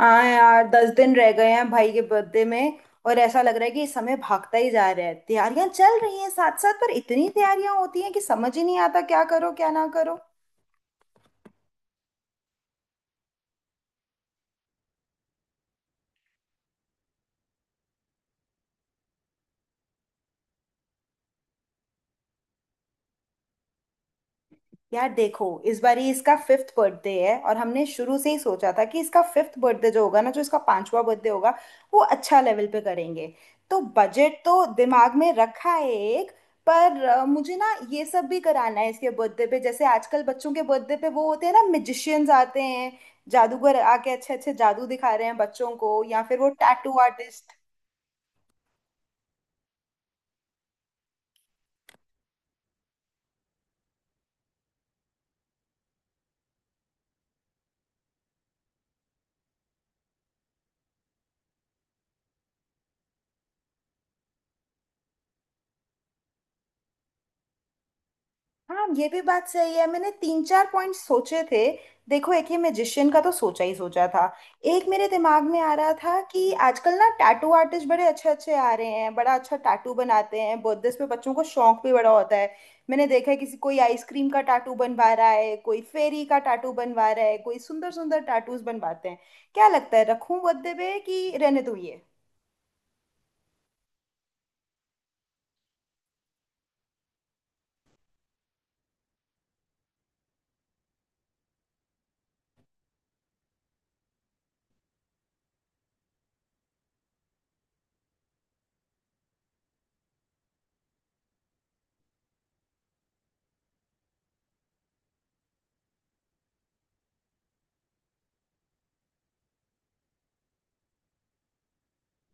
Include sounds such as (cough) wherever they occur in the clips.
हाँ यार, 10 दिन रह गए हैं भाई के बर्थडे में। और ऐसा लग रहा है कि समय भागता ही जा रहा है। तैयारियां चल रही हैं साथ साथ, पर इतनी तैयारियां होती हैं कि समझ ही नहीं आता क्या करो क्या ना करो। यार देखो, इस बार ही इसका फिफ्थ बर्थडे है और हमने शुरू से ही सोचा था कि इसका फिफ्थ बर्थडे जो होगा ना, जो इसका पांचवा बर्थडे होगा, वो अच्छा लेवल पे करेंगे। तो बजट तो दिमाग में रखा है एक। पर मुझे ना ये सब भी कराना है इसके बर्थडे पे। जैसे आजकल बच्चों के बर्थडे पे वो होते हैं ना, मैजिशियंस आते हैं, जादूगर आके अच्छे अच्छे जादू दिखा रहे हैं बच्चों को, या फिर वो टैटू आर्टिस्ट। हाँ, ये भी बात सही है, मैंने 3 4 पॉइंट सोचे थे। देखो, एक ये मैजिशियन का तो सोचा ही सोचा था। एक मेरे दिमाग में आ रहा था कि आजकल ना टैटू आर्टिस्ट बड़े अच्छे अच्छे आ रहे हैं, बड़ा अच्छा टैटू बनाते हैं बर्थडे पे, बच्चों को शौक भी बड़ा होता है। मैंने देखा है किसी, कोई आइसक्रीम का टैटू बनवा रहा है, कोई फेरी का टैटू बनवा रहा है, कोई सुंदर सुंदर टैटूज बनवाते हैं। क्या लगता है, रखूं बर्थडे पे कि रहने दूं ये?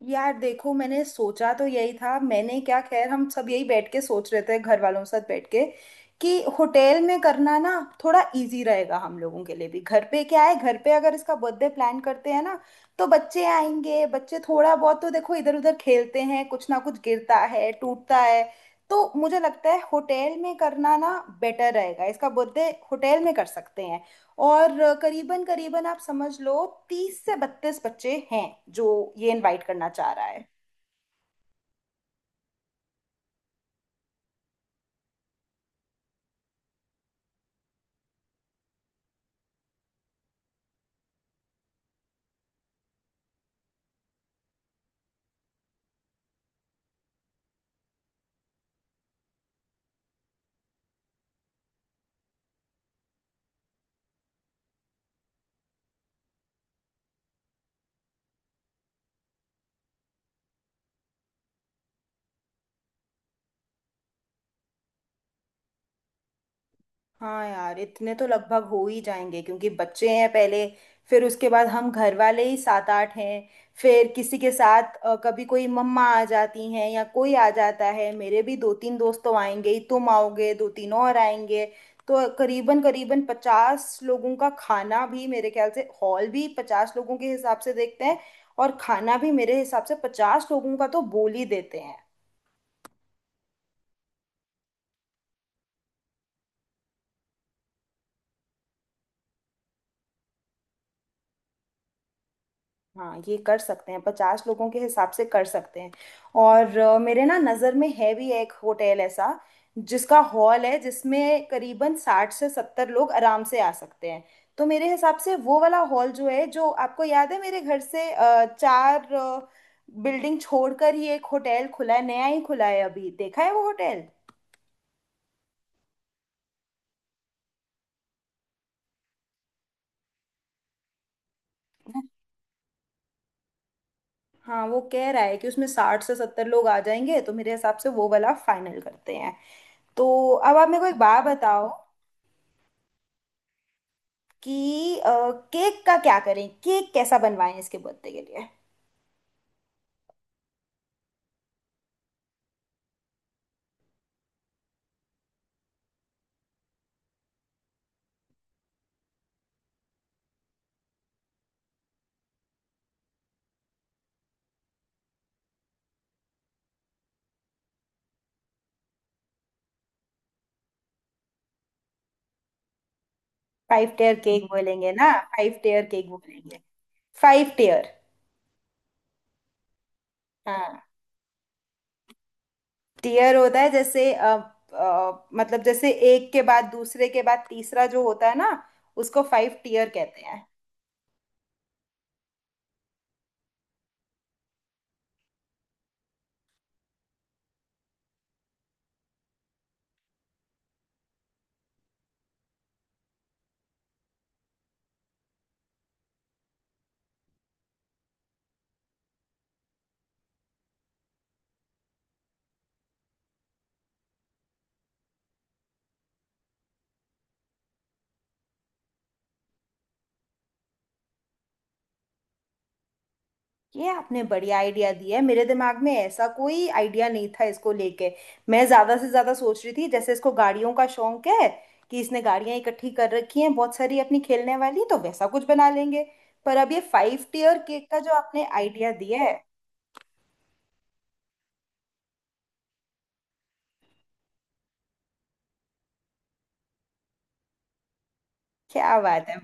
यार देखो, मैंने सोचा तो यही था, मैंने क्या, खैर हम सब यही बैठ के सोच रहे थे, घर वालों के साथ बैठ के, कि होटल में करना ना थोड़ा इजी रहेगा हम लोगों के लिए भी। घर पे क्या है, घर पे अगर इसका बर्थडे प्लान करते हैं ना, तो बच्चे आएंगे, बच्चे थोड़ा बहुत तो देखो इधर उधर खेलते हैं, कुछ ना कुछ गिरता है टूटता है। तो मुझे लगता है होटल में करना ना बेटर रहेगा, इसका बर्थडे होटल में कर सकते हैं। और करीबन करीबन आप समझ लो 30 से 32 बच्चे हैं जो ये इनवाइट करना चाह रहा है। हाँ यार, इतने तो लगभग हो ही जाएंगे। क्योंकि बच्चे हैं पहले, फिर उसके बाद हम घर वाले ही 7 8 हैं, फिर किसी के साथ कभी कोई मम्मा आ जाती हैं या कोई आ जाता है, मेरे भी 2 3 दोस्त तो आएंगे ही, तुम आओगे, 2 3 और आएंगे। तो करीबन करीबन 50 लोगों का खाना भी, मेरे ख्याल से हॉल भी 50 लोगों के हिसाब से देखते हैं, और खाना भी मेरे हिसाब से 50 लोगों का तो बोल ही देते हैं। हाँ, ये कर सकते हैं, 50 लोगों के हिसाब से कर सकते हैं। और मेरे ना नज़र में है भी एक होटल ऐसा जिसका हॉल है, जिसमें करीबन 60 से 70 लोग आराम से आ सकते हैं। तो मेरे हिसाब से वो वाला हॉल जो है, जो आपको याद है, मेरे घर से 4 बिल्डिंग छोड़कर ही एक होटल खुला है, नया ही खुला है, अभी देखा है वो होटल। हाँ, वो कह रहा है कि उसमें 60 से 70 लोग आ जाएंगे, तो मेरे हिसाब से वो वाला फाइनल करते हैं। तो अब आप मेरे को एक बात बताओ कि केक का क्या करें, केक कैसा बनवाएं इसके बर्थडे के लिए? 5 टेयर केक बोलेंगे ना, 5 टेयर केक बोलेंगे। 5 टेयर। हाँ, टेयर होता है जैसे मतलब जैसे एक के बाद दूसरे के बाद तीसरा जो होता है ना, उसको 5 टीयर कहते हैं। ये आपने बढ़िया आइडिया दिया है, मेरे दिमाग में ऐसा कोई आइडिया नहीं था इसको लेके। मैं ज्यादा से ज्यादा सोच रही थी, जैसे इसको गाड़ियों का शौक है, कि इसने गाड़ियां इकट्ठी कर रखी हैं बहुत सारी अपनी खेलने वाली, तो वैसा कुछ बना लेंगे। पर अब ये 5 टीयर केक का जो आपने आइडिया दिया है, क्या बात है!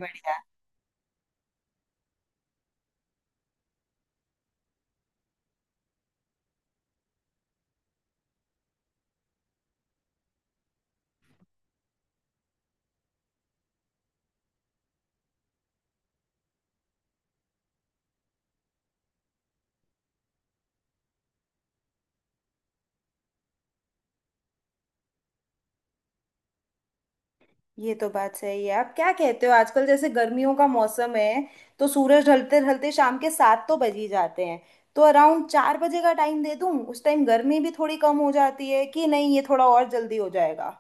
ये तो बात सही है। आप क्या कहते हो, आजकल जैसे गर्मियों का मौसम है, तो सूरज ढलते ढलते शाम के 7 तो बज ही जाते हैं, तो अराउंड 4 बजे का टाइम दे दूं? उस टाइम गर्मी भी थोड़ी कम हो जाती है कि नहीं, ये थोड़ा और जल्दी हो जाएगा।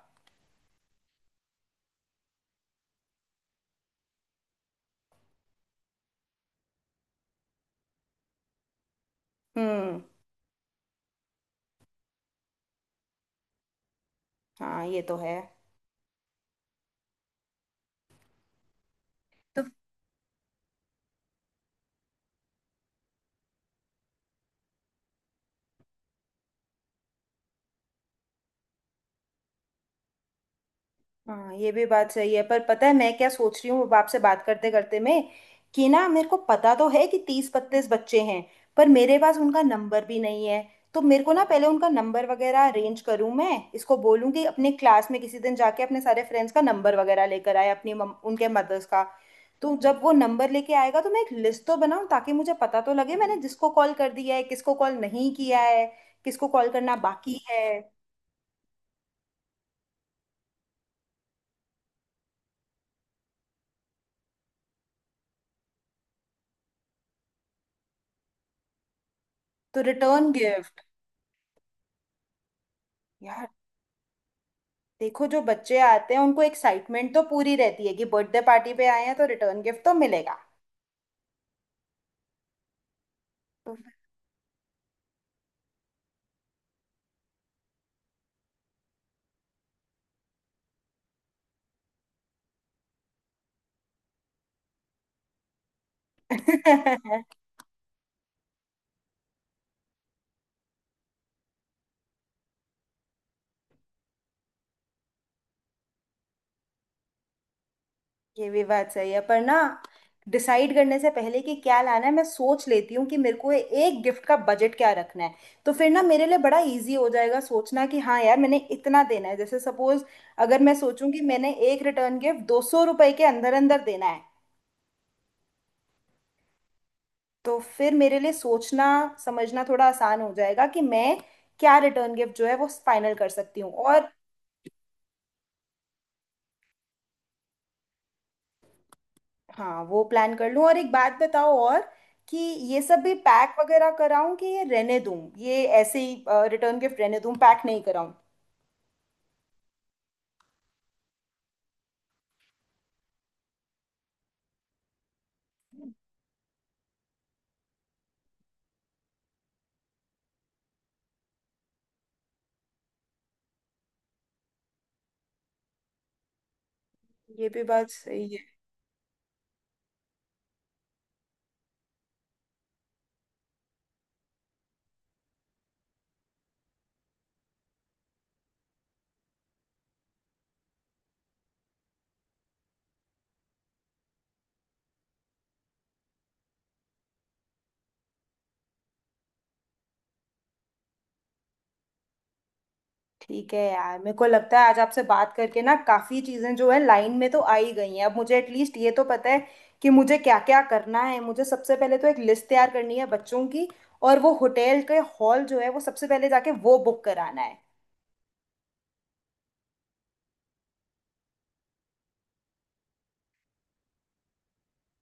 हम्म। हाँ, ये तो है। हाँ, ये भी बात सही है। पर पता है मैं क्या सोच रही हूँ अब आपसे बात करते करते में, कि ना मेरे को पता तो है कि 30 32 बच्चे हैं, पर मेरे पास उनका नंबर भी नहीं है। तो मेरे को ना पहले उनका नंबर वगैरह अरेंज करूँ, मैं इसको बोलूँ कि अपने क्लास में किसी दिन जाके अपने सारे फ्रेंड्स का नंबर वगैरह लेकर आए, अपनी उनके मदर्स का। तो जब वो नंबर लेके आएगा, तो मैं एक लिस्ट तो बनाऊँ, ताकि मुझे पता तो लगे मैंने जिसको कॉल कर दिया है, किसको कॉल नहीं किया है, किसको कॉल करना बाकी है। तो रिटर्न गिफ्ट, यार देखो, जो बच्चे आते हैं उनको एक्साइटमेंट तो पूरी रहती है कि बर्थडे पार्टी पे आए हैं, तो रिटर्न गिफ्ट तो मिलेगा। (laughs) ये भी बात सही है। पर ना, डिसाइड करने से पहले कि क्या लाना है, मैं सोच लेती हूँ कि मेरे को एक गिफ्ट का बजट क्या रखना है। तो फिर ना मेरे लिए बड़ा इजी हो जाएगा सोचना कि हाँ यार, मैंने इतना देना है। जैसे सपोज, अगर मैं सोचूं कि मैंने एक रिटर्न गिफ्ट 200 रुपए के अंदर अंदर देना है, तो फिर मेरे लिए सोचना समझना थोड़ा आसान हो जाएगा कि मैं क्या रिटर्न गिफ्ट जो है वो फाइनल कर सकती हूँ। और हाँ, वो प्लान कर लूँ। और एक बात बताओ और, कि ये सब भी पैक वगैरह कराऊं कि ये रहने दूं, ये ऐसे ही रिटर्न गिफ्ट रहने दूं, पैक नहीं कराऊं? ये भी बात सही है। ठीक है यार, मेरे को लगता है आज आपसे बात करके ना काफ़ी चीज़ें जो है लाइन में तो आ ही गई हैं। अब मुझे एटलीस्ट ये तो पता है कि मुझे क्या क्या करना है। मुझे सबसे पहले तो एक लिस्ट तैयार करनी है बच्चों की, और वो होटल के हॉल जो है वो सबसे पहले जाके वो बुक कराना है।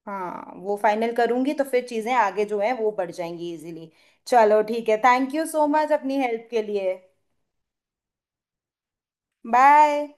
हाँ, वो फाइनल करूंगी तो फिर चीजें आगे जो है वो बढ़ जाएंगी इजीली। चलो ठीक है, थैंक यू सो मच अपनी हेल्प के लिए। बाय।